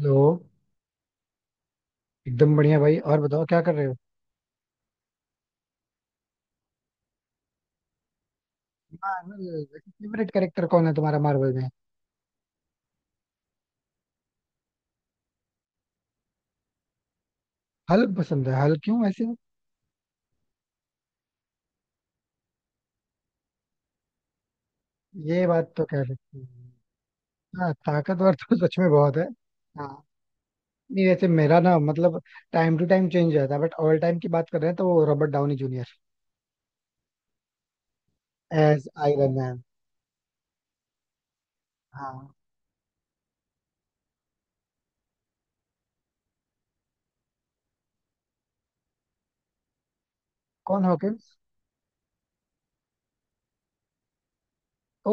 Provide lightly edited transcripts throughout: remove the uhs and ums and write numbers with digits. Hello. एकदम बढ़िया भाई. और बताओ क्या कर रहे हो? मार्वल फेवरेट कैरेक्टर कौन है तुम्हारा मार्वल में? हल्क पसंद है, हल्क क्यों ऐसे? ये बात तो कह सकते हैं. हाँ, ताकतवर तो सच में बहुत है. हाँ, नहीं वैसे मेरा ना मतलब, टाइम टू टाइम चेंज रहता है, बट ऑल टाइम की बात कर रहे हैं तो वो Robert Downey Junior as Iron Man. हाँ. कौन हॉकिंस?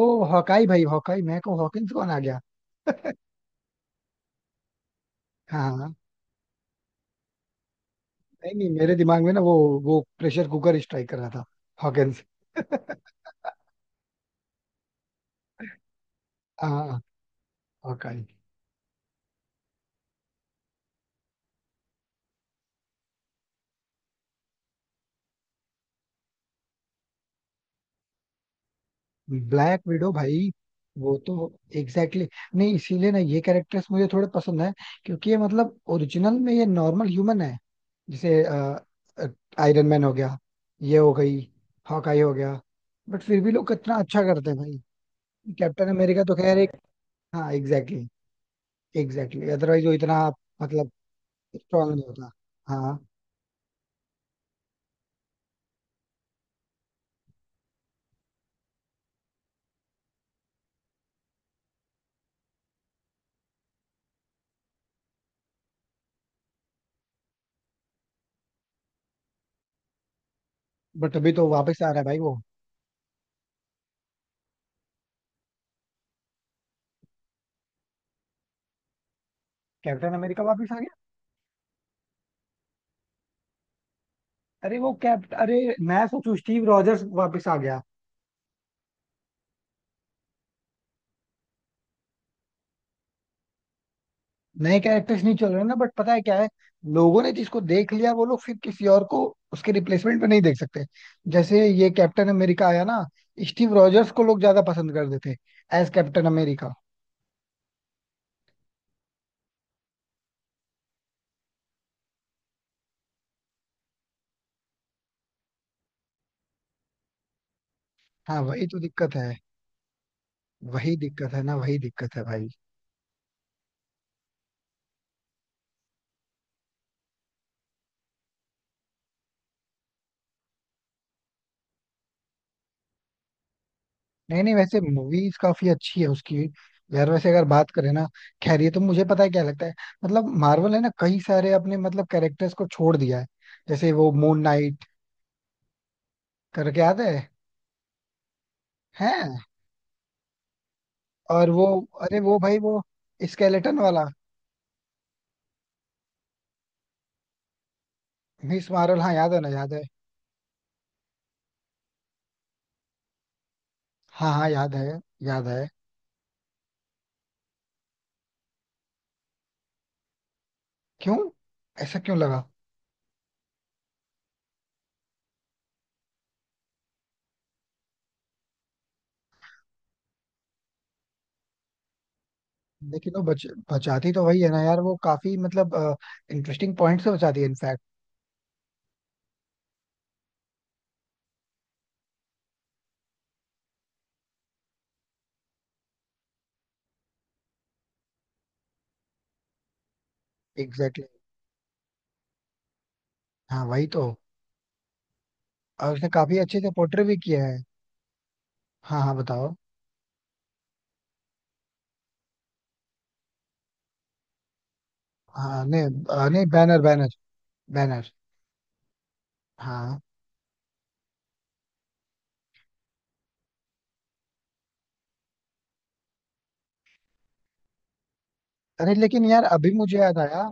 ओ, हॉकाई भाई. हॉकाई मैं को हॉकिंस कौन आ गया. हाँ, हाँ. नहीं नहीं, मेरे दिमाग में ना वो प्रेशर कुकर स्ट्राइक कर रहा था. हॉकिंस. हाँ, हॉकाई. ब्लैक विडो भाई. वो तो एग्जैक्टली exactly, नहीं इसीलिए ना ये कैरेक्टर्स मुझे थोड़े पसंद है, क्योंकि ये मतलब ओरिजिनल में ये नॉर्मल ह्यूमन है. जैसे आयरन मैन हो गया, ये हो गई, हॉकाई हो गया, बट फिर भी लोग कितना अच्छा करते हैं भाई. कैप्टन अमेरिका तो खैर एक. हाँ एग्जैक्टली. एग्जैक्टली अदरवाइज वो इतना मतलब स्ट्रांग नहीं होता. हाँ. बट अभी तो वापस आ रहा है भाई वो. कैप्टन अमेरिका वापस आ गया? अरे वो कैप्ट, अरे मैं सोचू स्टीव रॉजर्स वापस आ गया. नए कैरेक्टर्स नहीं चल रहे ना, बट पता है क्या है, लोगों ने जिसको देख लिया वो लोग फिर किसी और को उसके रिप्लेसमेंट में नहीं देख सकते. जैसे ये कैप्टन अमेरिका आया ना, स्टीव रॉजर्स को लोग ज्यादा पसंद कर देते एज कैप्टन अमेरिका. हाँ, वही तो दिक्कत है. वही दिक्कत है ना, वही दिक्कत है भाई. नहीं नहीं, वैसे मूवीज काफी अच्छी है उसकी. यार वैसे अगर बात करें ना, खैर ये तो मुझे पता है क्या लगता है. मतलब मार्वल है ना, कई सारे अपने मतलब कैरेक्टर्स को छोड़ दिया है. जैसे वो मून नाइट करके, याद है? हैं. और वो, अरे वो भाई वो स्केलेटन वाला. Miss Marvel. हाँ, याद है ना, याद है. हाँ हाँ, याद है, याद है. क्यों? ऐसा क्यों लगा? लेकिन वो बचाती तो वही है ना यार. वो काफी मतलब इंटरेस्टिंग पॉइंट से बचाती है इनफैक्ट. Exactly exactly. हाँ, वही तो. और उसने काफी अच्छे से पोर्ट्रे भी किया है. हाँ हाँ, बताओ. हाँ, नहीं नहीं बैनर बैनर बैनर. हाँ. अरे लेकिन यार अभी मुझे याद आया.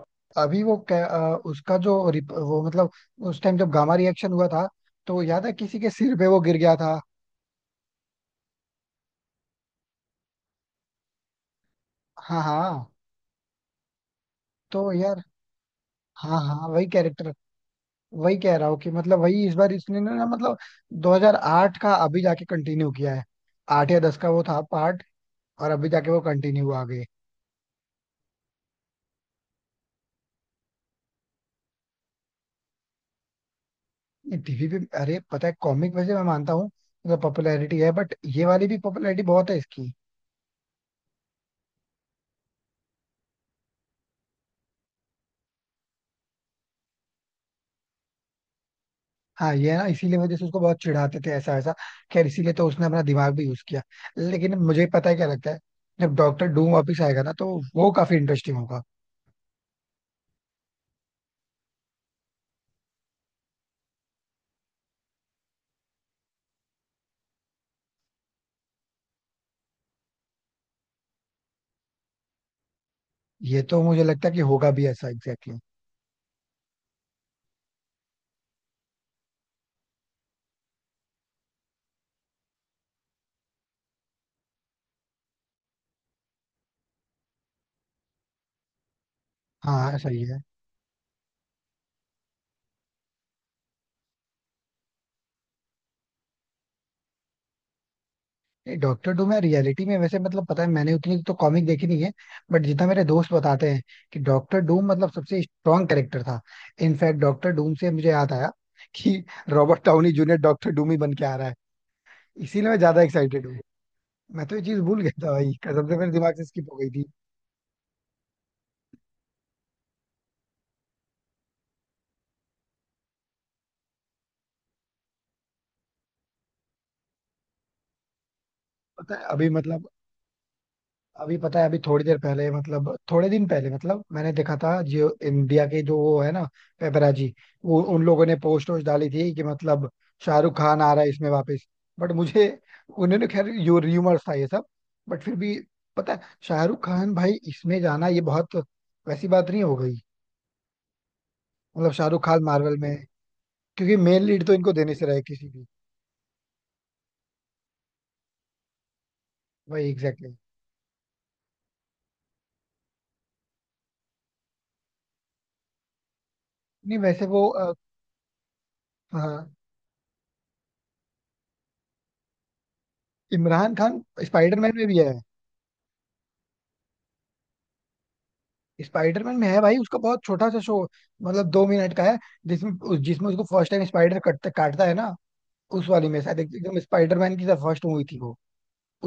अभी वो उसका जो वो मतलब उस टाइम जब गामा रिएक्शन हुआ था, तो याद है किसी के सिर पे वो गिर गया था. हाँ हाँ. तो यार, हाँ हाँ वही कैरेक्टर. वही कह रहा हूँ कि मतलब वही इस बार इसने ना ना मतलब 2008 का अभी जाके कंटिन्यू किया है. आठ या दस का वो था पार्ट, और अभी जाके वो कंटिन्यू हुआ आगे. टीवी पे अरे पता है, कॉमिक वैसे मैं मानता हूँ मतलब पॉपुलैरिटी है, बट ये वाली भी पॉपुलैरिटी बहुत है इसकी. हाँ, ये है ना, इसीलिए वजह से उसको बहुत चिढ़ाते थे ऐसा ऐसा. खैर इसीलिए तो उसने अपना दिमाग भी यूज किया. लेकिन मुझे पता है क्या लगता है, जब डॉक्टर डूम वापस आएगा ना, तो वो काफी इंटरेस्टिंग होगा. ये तो मुझे लगता है कि होगा भी ऐसा एग्जैक्टली exactly. हाँ हाँ, सही है. डॉक्टर डूम है रियलिटी में वैसे मतलब, पता है मैंने उतनी तो कॉमिक देखी नहीं है, बट जितना मेरे दोस्त बताते हैं कि डॉक्टर डूम मतलब सबसे स्ट्रांग कैरेक्टर था. इनफैक्ट डॉक्टर डूम से मुझे याद आया कि Robert Downey Junior doctor doom ही बन के आ रहा है. इसीलिए मैं ज्यादा एक्साइटेड हूँ. मैं तो ये चीज भूल गया था भाई, कसम से मेरे दिमाग से स्किप हो गई थी. पता है अभी मतलब, अभी पता है अभी थोड़ी देर पहले मतलब थोड़े दिन पहले मतलब मैंने देखा था जो इंडिया के जो वो है ना, पेपराजी, वो उन लोगों ने पोस्ट वोस्ट डाली थी कि मतलब शाहरुख खान आ रहा है इसमें वापस. बट मुझे, उन्होंने खैर यो र्यूमर्स था ये सब. बट फिर भी पता है, शाहरुख खान भाई इसमें जाना, ये बहुत वैसी बात नहीं हो गई. मतलब शाहरुख खान मार्वल में, क्योंकि मेन लीड तो इनको देने से रहे किसी भी. वही एग्जैक्टली exactly. नहीं वैसे वो हाँ. इमरान खान स्पाइडरमैन में भी है. स्पाइडरमैन में है भाई, उसका बहुत छोटा सा शो, मतलब 2 मिनट का है. जिसमें उसको फर्स्ट टाइम स्पाइडर कटता काटता है ना, उस वाली में शायद एकदम स्पाइडरमैन की फर्स्ट मूवी थी वो.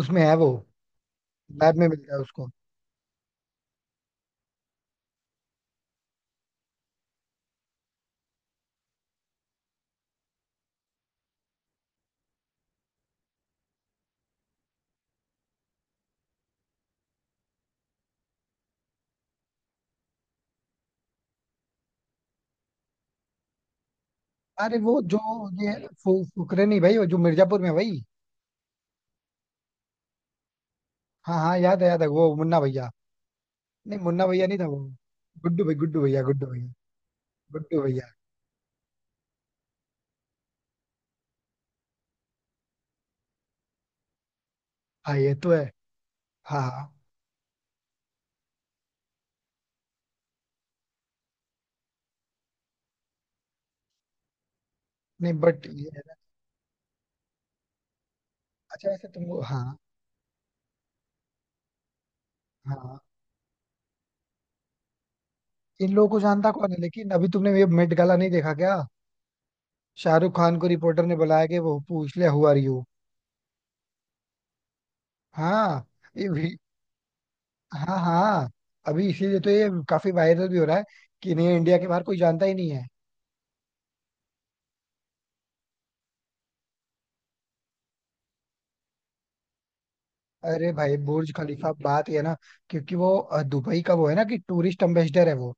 उसमें है वो, लैब में मिलता है उसको. अरे वो जो ये फुकरे नहीं भाई, वो जो मिर्जापुर में है भाई. हाँ हाँ, याद है, याद है वो, मुन्ना भैया. नहीं मुन्ना भैया नहीं था वो. गुड्डू भैया, गुड्डू भैया. गुड्डू भैया. हाँ, ये तो है. हाँ हाँ. नहीं बट ये है ना- अच्छा वैसे तुम, हाँ. हाँ, इन लोगों को जानता कौन है, लेकिन अभी तुमने ये मेट गाला नहीं देखा क्या? शाहरुख खान को रिपोर्टर ने बुलाया कि वो पूछ लिया हु आर यू. हाँ, ये भी. हाँ हाँ. अभी इसीलिए तो ये काफी वायरल भी हो रहा है कि नहीं, इंडिया के बाहर कोई जानता ही नहीं है. अरे भाई, बुर्ज खलीफा बात ये है ना, क्योंकि वो दुबई का वो है ना, कि टूरिस्ट एम्बेसडर है वो.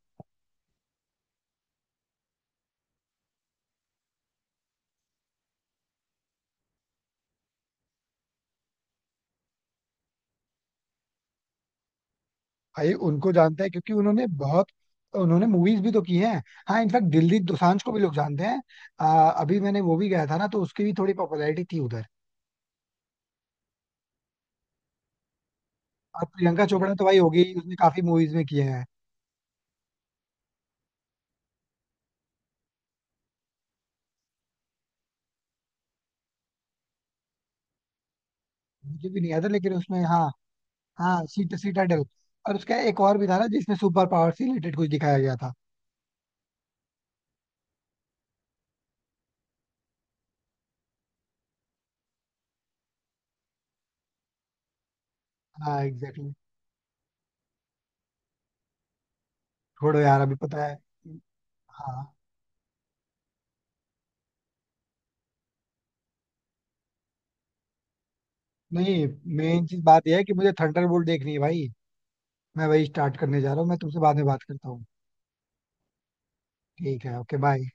भाई उनको जानता है क्योंकि उन्होंने बहुत, उन्होंने मूवीज भी तो की हैं. हाँ, इनफैक्ट दिलजीत दोसांझ को भी लोग जानते हैं. अ, अभी मैंने वो भी गया था ना, तो उसकी भी थोड़ी पॉपुलैरिटी थी उधर. और प्रियंका चोपड़ा तो भाई होगी ही, उसने काफी मूवीज में किया है. मुझे भी नहीं याद है, लेकिन उसमें हाँ. हाँ सीटाडेल. और उसका एक और भी था ना, जिसमें सुपर पावर से रिलेटेड कुछ दिखाया गया था. हाँ एग्जैक्टली exactly. छोड़ो यार, अभी पता है. हाँ, नहीं, मेन चीज बात यह है कि मुझे थंडरबोल्ट देखनी है भाई. मैं वही स्टार्ट करने जा रहा हूँ. मैं तुमसे बाद में बात करता हूँ. ठीक है, ओके बाय.